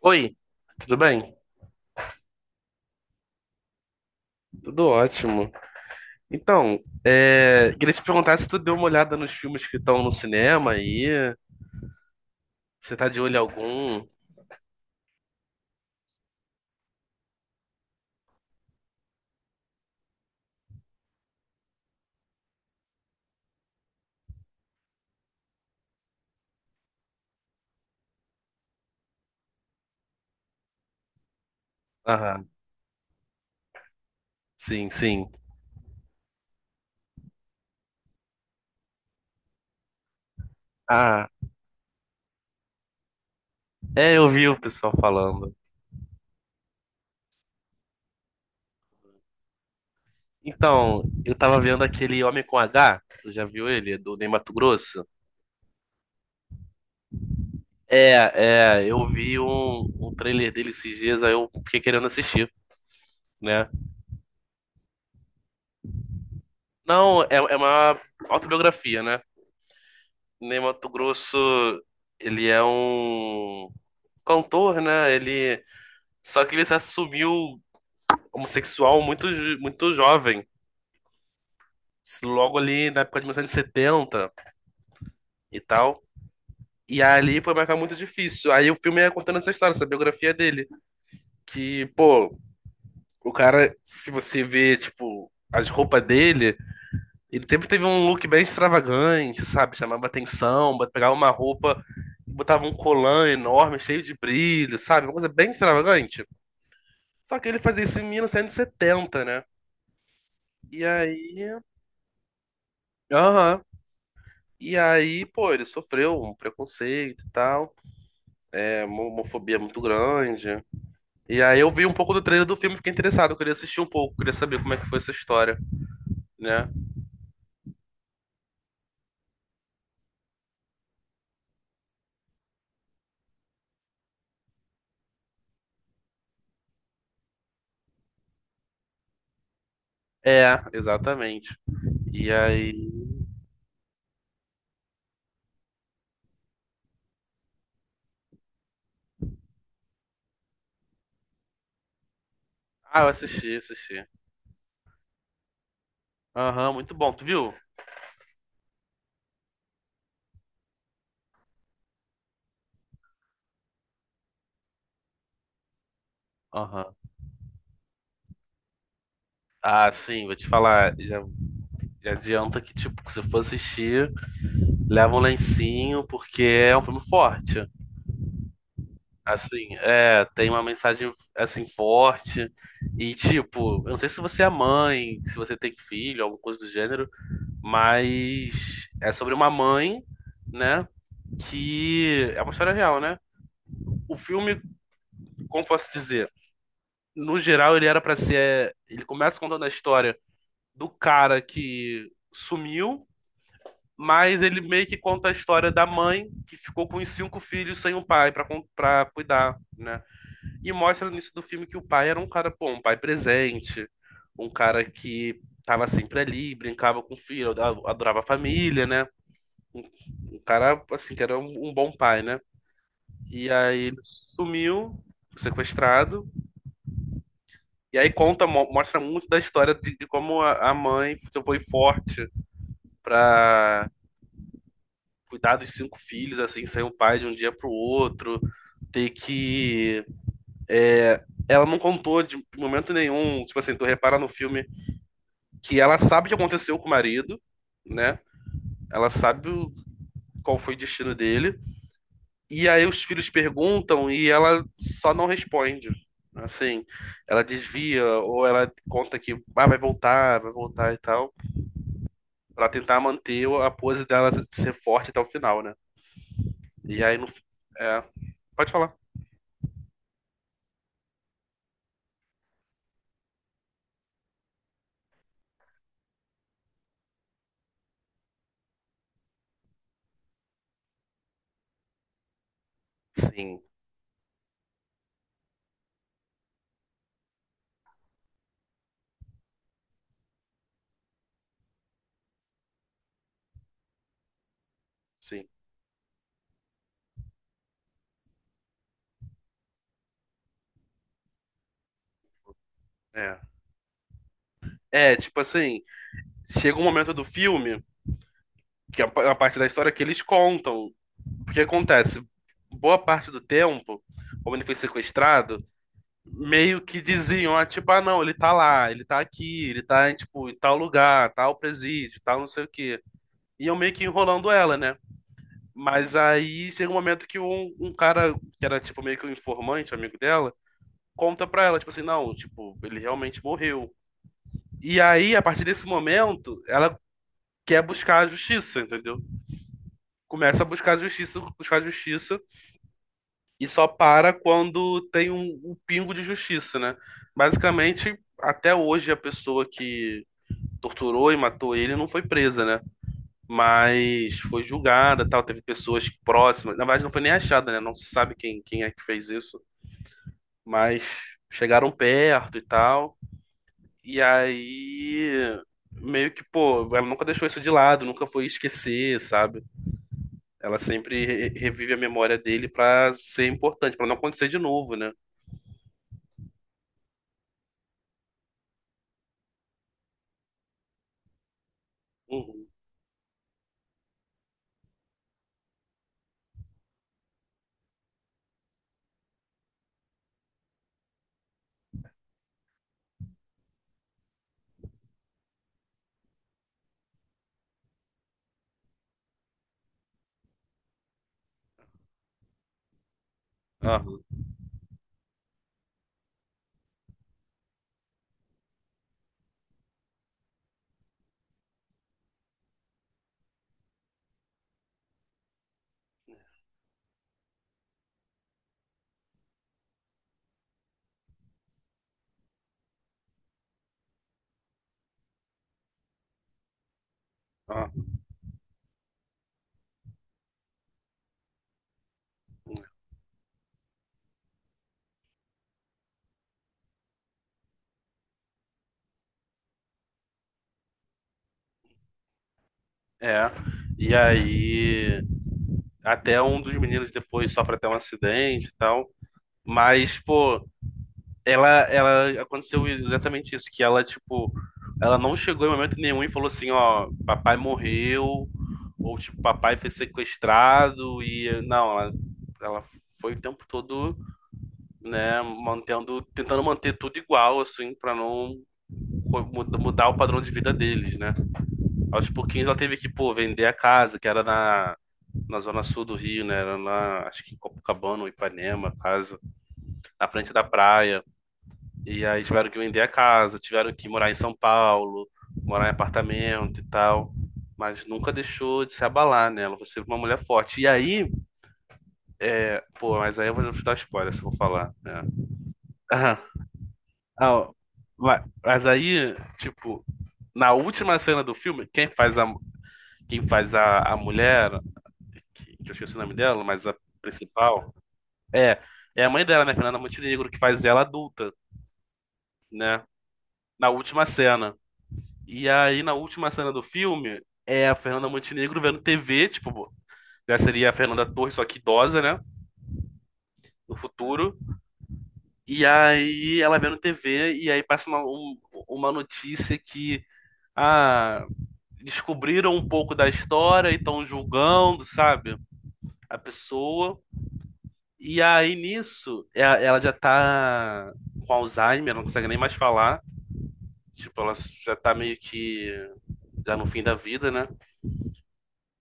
Oi, tudo bem? Tudo ótimo. Então, queria te perguntar se tu deu uma olhada nos filmes que estão no cinema aí. Você tá de olho em algum? Aham, sim, sim. Ah, é, eu vi o pessoal falando. Então, eu tava vendo aquele Homem com H, tu já viu ele? Do Ney Matogrosso? É, é, eu vi um trailer dele esses dias, aí eu fiquei querendo assistir, né? Não, é uma autobiografia, né? Ney Mato Grosso, ele é um cantor, né? Ele só que ele se assumiu homossexual muito jovem, logo ali na época de 1970 e setenta e tal. E ali foi marcar muito difícil. Aí o filme é contando essa história, essa biografia dele, que, pô, o cara, se você vê, tipo, as roupas dele. Ele sempre teve um look bem extravagante, sabe? Chamava atenção, pegava uma roupa, botava um colã enorme, cheio de brilho, sabe? Uma coisa bem extravagante. Só que ele fazia isso em 1970, né? E aí. Aham. E aí, pô, ele sofreu um preconceito e tal. É, uma homofobia muito grande. E aí eu vi um pouco do trailer do filme, fiquei interessado, eu queria assistir um pouco, queria saber como é que foi essa história, né? É, exatamente. E aí. Ah, eu assisti, assisti. Aham, muito bom. Tu viu? Aham. Ah, sim, vou te falar. Já, já adianta que, tipo, se for assistir, leva um lencinho, porque é um filme forte. Assim, é, tem uma mensagem, assim, forte. E, tipo, eu não sei se você é mãe, se você tem filho, alguma coisa do gênero, mas é sobre uma mãe, né? Que é uma história real, né? O filme, como posso dizer? No geral, ele era pra ser. Ele começa contando a história do cara que sumiu, mas ele meio que conta a história da mãe que ficou com os 5 filhos sem o pai pra cuidar, né? E mostra no início do filme que o pai era um cara, pô, um pai presente, um cara que tava sempre ali, brincava com o filho, adorava a família, né? Um, um cara, assim, que era um bom pai, né? E aí ele sumiu, sequestrado, e aí conta, mostra muito da história de como a mãe foi forte pra cuidar dos 5 filhos, assim, ser o pai de um dia pro outro, ter que. Ela não contou de momento nenhum, tipo assim, tu repara no filme que ela sabe o que aconteceu com o marido, né? Ela sabe o- qual foi o destino dele. E aí os filhos perguntam e ela só não responde. Assim, ela desvia ou ela conta que ah, vai voltar e tal, pra tentar manter a pose dela ser forte até o final, né? E aí no. É. Pode falar. Sim, sim. É. É, tipo assim, chega um momento do filme, que é uma parte da história que eles contam. O que acontece? Boa parte do tempo, como ele foi sequestrado, meio que diziam, ah, tipo, ah, não, ele tá lá, ele tá aqui, ele tá, em, tipo, em tal lugar, tal presídio, tal não sei o quê. E eu meio que enrolando ela, né? Mas aí chega um momento que um cara, que era, tipo, meio que um informante, um amigo dela, conta pra ela, tipo assim, não, tipo, ele realmente morreu. E aí, a partir desse momento, ela que é buscar a justiça, entendeu? Começa a buscar a justiça e só para quando tem um pingo de justiça, né? Basicamente, até hoje a pessoa que torturou e matou ele não foi presa, né? Mas foi julgada, tal, teve pessoas próximas. Na verdade, não foi nem achada, né? Não se sabe quem é que fez isso, mas chegaram perto e tal. E aí meio que, pô, ela nunca deixou isso de lado, nunca foi esquecer, sabe? Ela sempre revive a memória dele pra ser importante, pra não acontecer de novo, né? Uhum. Ah, ah, é. E aí, até um dos meninos depois sofre até um acidente e tal. Mas, pô, ela aconteceu exatamente isso, que ela, tipo, ela não chegou em momento nenhum e falou assim, ó, papai morreu, ou tipo, papai foi sequestrado, e não, ela foi o tempo todo, né, mantendo, tentando manter tudo igual, assim, pra não mudar o padrão de vida deles, né? Aos pouquinhos ela teve que, pô, vender a casa, que era na zona sul do Rio, né? Era na, acho que em Copacabana ou Ipanema, a casa, na frente da praia. E aí tiveram que vender a casa, tiveram que morar em São Paulo, morar em apartamento e tal. Mas nunca deixou de se abalar, né? Ela foi sempre uma mulher forte. E aí, pô, mas aí eu vou te dar spoiler se eu vou falar, né? Ah, ah, ó. Mas aí, tipo, na última cena do filme, quem faz a, quem faz a mulher, que eu esqueci o nome dela, mas a principal, é, é a mãe dela, né, Fernanda Montenegro, que faz ela adulta, né, na última cena. E aí, na última cena do filme, é a Fernanda Montenegro vendo TV, tipo, já seria a Fernanda Torres, só que idosa, né, no futuro. E aí, ela vendo TV, e aí passa uma, um- uma notícia que, ah, descobriram um pouco da história e estão julgando, sabe, a pessoa. E aí nisso, e- ela já tá com Alzheimer, não consegue nem mais falar. Tipo, ela já tá meio que já no fim da vida, né?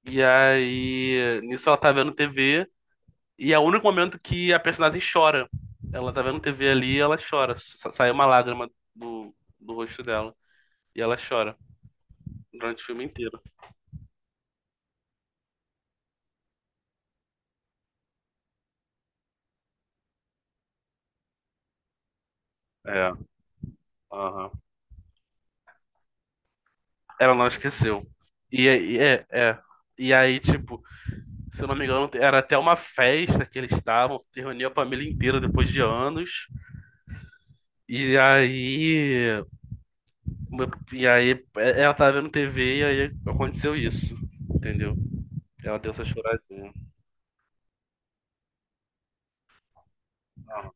E aí nisso ela tá vendo TV e é o único momento que a personagem chora. Ela tá vendo TV ali e ela chora. Sai uma lágrima do rosto dela e ela chora durante o filme inteiro. É, aham. Ela não esqueceu. É, é. E aí, tipo, se eu não me engano, era até uma festa que eles estavam, que reuniu a família inteira depois de anos. E aí, e aí é, ela tava vendo TV e aí aconteceu isso, entendeu? Ela deu essa choradinha. Ah,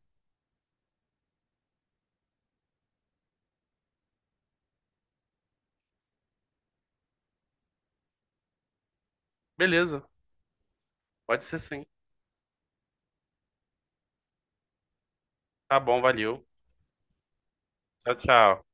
beleza, pode ser sim. Tá bom, valeu. Tchau, tchau.